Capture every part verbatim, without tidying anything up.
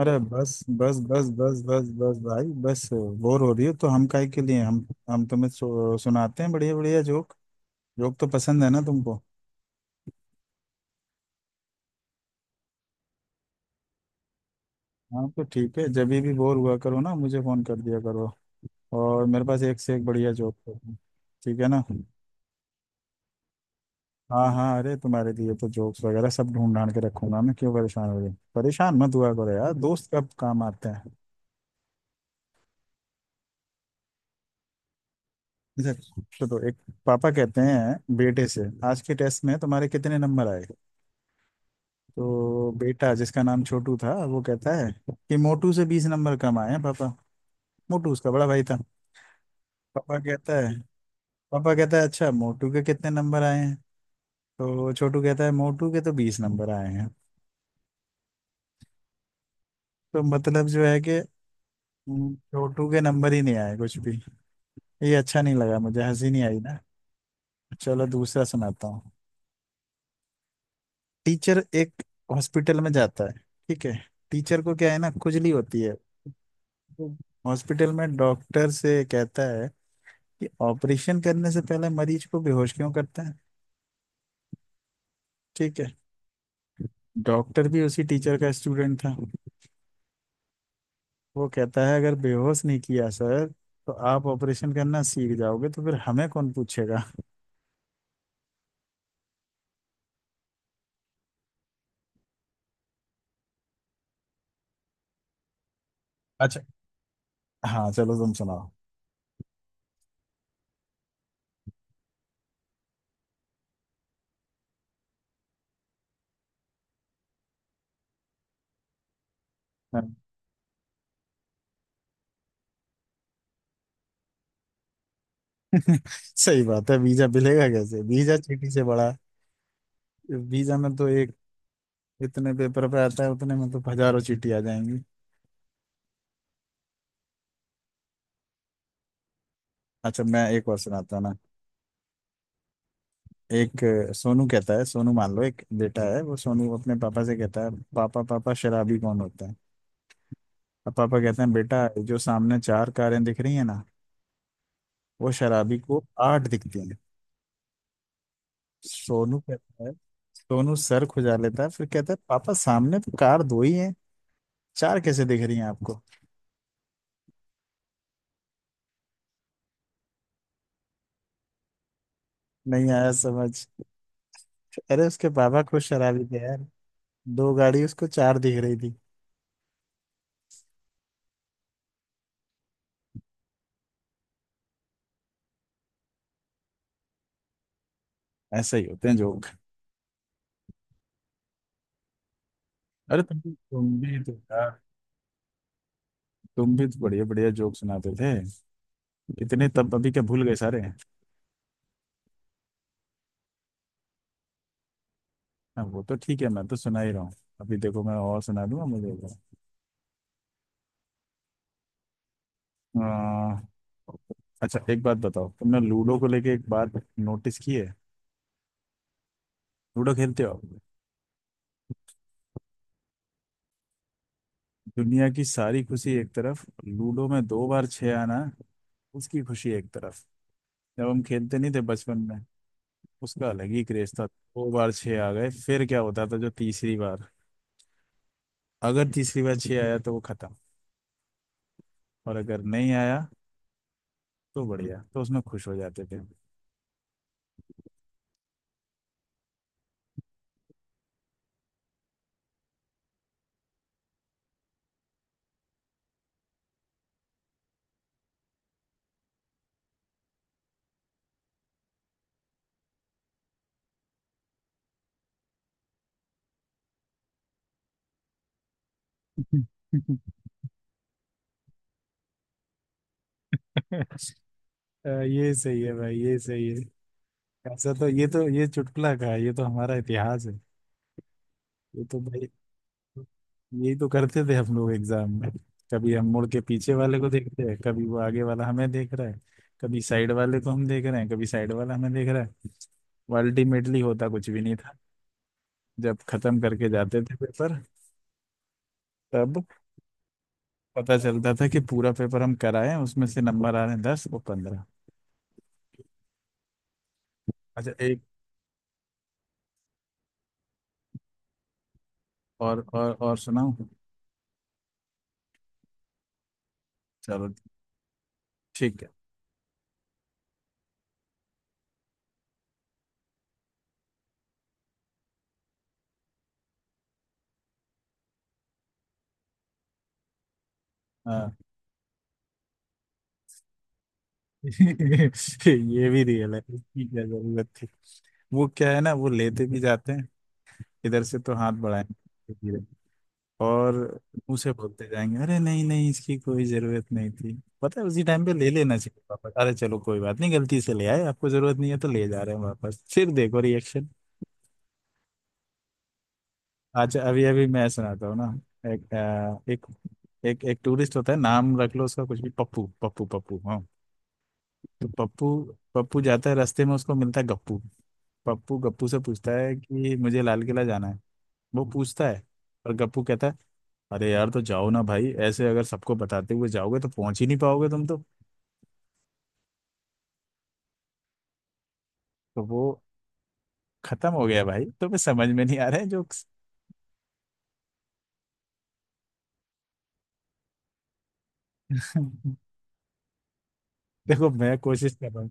अरे बस। बस बस बस बस बस भाई बस। बोर हो रही हो तो हम काहे के लिए, हम हम तुम्हें सु, सुनाते हैं बढ़िया बढ़िया जोक। जोक तो पसंद है ना तुमको। हाँ तो ठीक है, जब भी बोर हुआ करो ना मुझे फोन कर दिया करो। और मेरे पास एक से एक बढ़िया जोक है। ठीक है ना। हाँ हाँ, अरे तुम्हारे लिए तो जोक्स वगैरह सब ढूंढ ढांड के रखूंगा मैं। क्यों परेशान हो रही? परेशान मत हुआ करो यार, दोस्त कब काम आते हैं। अच्छा तो, तो एक, पापा कहते हैं बेटे से आज के टेस्ट में तुम्हारे कितने नंबर आए। तो बेटा जिसका नाम छोटू था वो कहता है कि मोटू से बीस नंबर कम आए हैं पापा। मोटू उसका बड़ा भाई था। पापा कहता है, पापा कहता है अच्छा मोटू के कितने नंबर आए हैं। तो छोटू कहता है मोटू के तो बीस नंबर आए हैं। तो मतलब जो है कि हम्म, छोटू के नंबर ही नहीं आए कुछ भी। ये अच्छा नहीं लगा, मुझे हंसी नहीं आई ना। चलो दूसरा सुनाता हूँ। टीचर एक हॉस्पिटल में जाता है, ठीक है। टीचर को क्या है ना, खुजली होती है। हॉस्पिटल में डॉक्टर से कहता है कि ऑपरेशन करने से पहले मरीज को बेहोश क्यों करते हैं, ठीक है। डॉक्टर भी उसी टीचर का स्टूडेंट था। वो कहता है अगर बेहोश नहीं किया सर तो आप ऑपरेशन करना सीख जाओगे तो फिर हमें कौन पूछेगा। अच्छा। हाँ चलो तुम सुनाओ। हाँ, सही बात है। वीजा मिलेगा कैसे, वीजा चीटी से बड़ा है। वीजा में तो एक इतने पेपर पे आता है, उतने में तो हजारों चीटी आ जाएंगी। अच्छा मैं एक और सुनाता हूँ ना। एक अ, सोनू कहता है, सोनू मान लो एक बेटा है, वो सोनू अपने पापा से कहता है पापा पापा शराबी कौन होता है। अब पापा कहते हैं बेटा जो सामने चार कारें दिख रही है ना, वो शराबी को आठ दिखती हैं। सोनू कहता है, सोनू सर खुजा लेता है फिर कहता है पापा सामने तो कार दो ही हैं, चार कैसे दिख रही हैं आपको। नहीं आया समझ। अरे उसके पापा खुद शराबी थे यार, दो गाड़ी उसको चार दिख रही थी। ऐसा ही होते हैं जोक। अरे तुम तुम भी तो यार, तुम भी तो बढ़िया बढ़िया जोक सुनाते थे इतने, तब अभी क्या भूल गए सारे? हाँ, वो तो ठीक है, मैं तो सुना ही रहा हूँ। अभी देखो मैं और सुना दूंगा मुझे। आ, अच्छा एक बात बताओ, तुमने लूडो को लेके एक बात नोटिस की है। लूडो खेलते हो आप? दुनिया की सारी खुशी एक तरफ, लूडो में दो बार छह आना उसकी खुशी एक तरफ। जब हम खेलते नहीं थे बचपन में, उसका अलग ही क्रेज था। दो बार छह आ गए फिर क्या होता था, जो तीसरी बार, अगर तीसरी बार छह आया तो वो खत्म, और अगर नहीं आया तो बढ़िया, तो उसमें खुश हो जाते थे। अ, ये सही है भाई, ये सही है। ऐसा तो, ये तो ये चुटकुला का है, ये तो हमारा इतिहास है। ये तो भाई, यही तो करते थे हम लोग एग्जाम में। कभी हम मुड़ के पीछे वाले को देखते हैं, कभी वो आगे वाला हमें देख रहा है, कभी साइड वाले को हम देख रहे हैं, कभी साइड वाला हमें देख रहा है। अल्टीमेटली होता कुछ भी नहीं था। जब खत्म करके जाते थे पेपर तब पता चलता था कि पूरा पेपर हम कराए हैं, उसमें से नंबर आ रहे हैं दस और पंद्रह। अच्छा एक और और और सुनाओ। चलो ठीक है। हाँ। ये भी रियल है, इसकी क्या जरूरत थी। वो क्या है ना, वो लेते भी जाते हैं। इधर से तो हाथ बढ़ाएंगे धीरे, और मुंह से बोलते जाएंगे अरे नहीं नहीं इसकी कोई जरूरत नहीं थी। पता है उसी टाइम पे ले लेना चाहिए वापस। अरे चलो कोई बात नहीं, गलती से ले आए, आपको जरूरत नहीं है तो ले जा रहे हैं वापस, फिर देखो रिएक्शन। अच्छा अभी अभी मैं सुनाता हूँ ना। एक अ, एक एक एक टूरिस्ट होता है, नाम रख लो उसका कुछ भी, पप्पू पप्पू पप्पू, हाँ। तो पप्पू, पप्पू जाता है रास्ते में उसको मिलता है गप्पू। पप्पू गप्पू से पूछता है कि मुझे लाल किला जाना है। वो पूछता है, पर गप्पू कहता है अरे यार तो जाओ ना भाई, ऐसे अगर सबको बताते हुए जाओगे तो पहुंच ही नहीं पाओगे तुम। तो तो वो खत्म हो गया। भाई तुम्हें समझ में नहीं आ रहे हैं जोक्स। देखो मैं कोशिश कर रहा हूँ।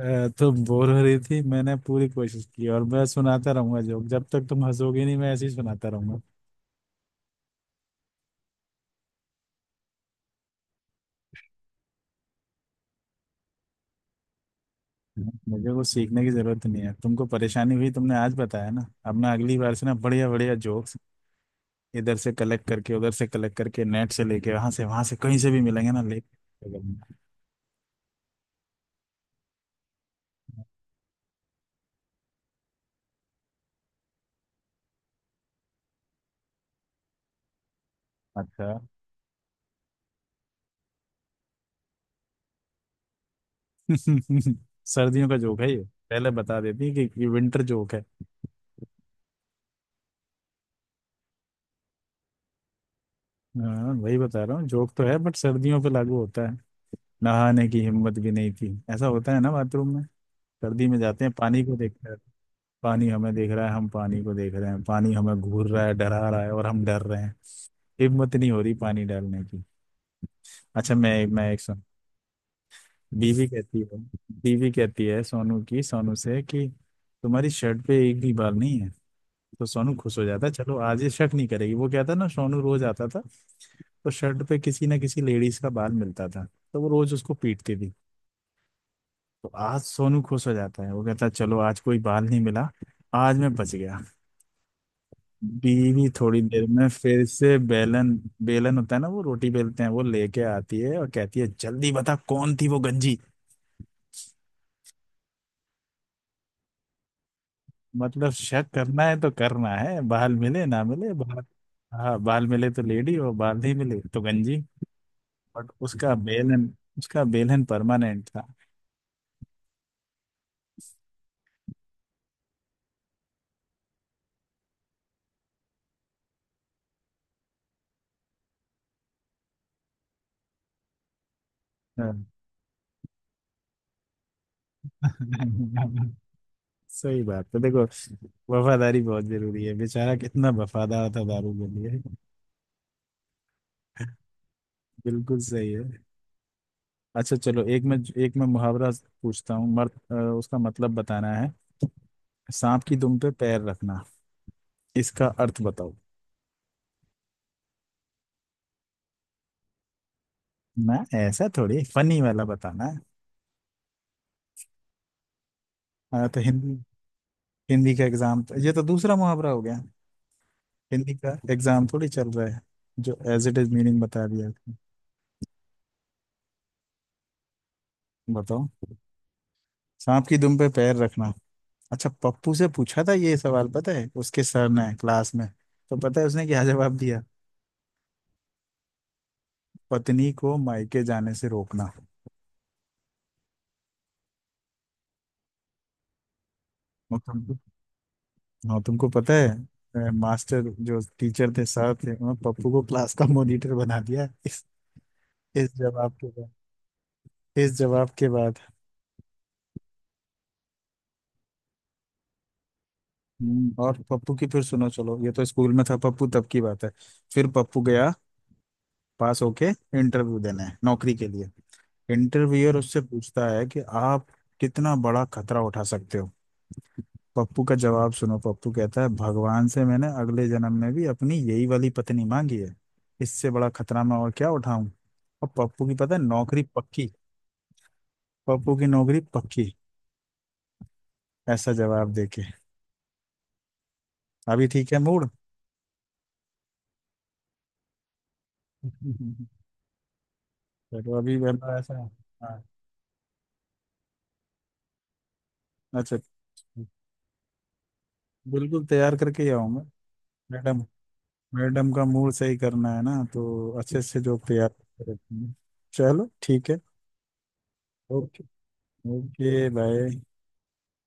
अ, तुम बोर हो रही थी, मैंने पूरी कोशिश की, और मैं सुनाता रहूंगा जोक, जब तक तुम हंसोगे नहीं मैं ऐसे ही सुनाता रहूंगा। मुझे कुछ सीखने की जरूरत नहीं है। तुमको परेशानी हुई, तुमने आज बताया ना, अब ना अगली बार से ना बढ़िया बढ़िया जोक्स इधर से कलेक्ट करके उधर से कलेक्ट करके नेट से लेके वहां से वहां से कहीं से भी मिलेंगे ना ले। अच्छा। सर्दियों का जोक है ये। पहले बता देती कि ये विंटर जोक है। हाँ वही बता रहा हूँ, जोक तो है बट सर्दियों पे लागू होता है। नहाने की हिम्मत भी नहीं थी। ऐसा होता है ना बाथरूम में, सर्दी में जाते हैं पानी को देखते हैं, पानी हमें देख रहा है, हम पानी को देख रहे हैं, पानी हमें घूर रहा है, डरा रहा है, और हम डर रहे हैं, हिम्मत नहीं हो रही पानी डालने की। अच्छा मैं मैं एक सुन, बीवी कहती है, बीवी कहती है सोनू की सोनू से कि तुम्हारी शर्ट पे एक भी बाल नहीं है। तो सोनू खुश हो जाता, चलो आज ये शक नहीं करेगी। वो क्या था ना, सोनू रोज आता था तो शर्ट पे किसी ना किसी लेडीज का बाल मिलता था, तो वो रोज उसको पीटती थी। तो आज सोनू खुश हो जाता है, वो कहता है चलो आज कोई बाल नहीं मिला, आज मैं बच गया। बीवी थोड़ी देर में फिर से बेलन, बेलन होता है ना वो रोटी बेलते हैं, वो लेके आती है और कहती है जल्दी बता कौन थी वो गंजी। मतलब शक करना है तो करना है, बाल मिले ना मिले बाल। हाँ, बाल मिले तो लेडी और बाल नहीं मिले तो गंजी। बट उसका बेल एंड उसका बेल एंड परमानेंट था। हाँ। सही बात है देखो, वफादारी बहुत जरूरी है, बेचारा कितना वफादार था दारू के लिए। बिल्कुल सही है। अच्छा चलो, एक मैं एक मैं मुहावरा पूछता हूँ मर्द, अ, उसका मतलब बताना है। सांप की दुम पे पैर रखना, इसका अर्थ बताओ। ना ऐसा थोड़ी, फनी वाला बताना है। हाँ तो हिंदी, हिंदी का एग्जाम, ये तो दूसरा मुहावरा हो गया। हिंदी का एग्जाम थोड़ी चल रहा है। जो एज इट इज मीनिंग बता दिया आपने। बताओ सांप की दुम पे पैर रखना। अच्छा पप्पू से पूछा था ये सवाल, पता है उसके सर ने क्लास में। तो पता है उसने क्या जवाब दिया, पत्नी को मायके जाने से रोकना। और तुमको, हाँ तुमको पता है, अ, मास्टर जो टीचर थे सर थे, उन्होंने पप्पू को क्लास का मॉनिटर बना दिया इस इस जवाब के बाद इस जवाब के बाद। हम्म, और पप्पू की फिर सुनो, चलो ये तो स्कूल में था, पप्पू तब की बात है। फिर पप्पू गया पास होके इंटरव्यू देने नौकरी के लिए। इंटरव्यूअर उससे पूछता है कि आप कितना बड़ा खतरा उठा सकते हो। पप्पू का जवाब सुनो, पप्पू कहता है भगवान से मैंने अगले जन्म में भी अपनी यही वाली पत्नी मांगी है, इससे बड़ा खतरा मैं और क्या उठाऊं। और पप्पू की पता है नौकरी पक्की, पप्पू की नौकरी पक्की ऐसा जवाब देके। अभी ठीक है मूड। चलो अभी मतलब ऐसा। हाँ। अच्छा। बिल्कुल तैयार करके ही आऊंगा मैडम, मैडम का मूड सही करना है ना तो अच्छे से जो तैयार करके रखेंगे। चलो ठीक है। ओके। ओके भाई।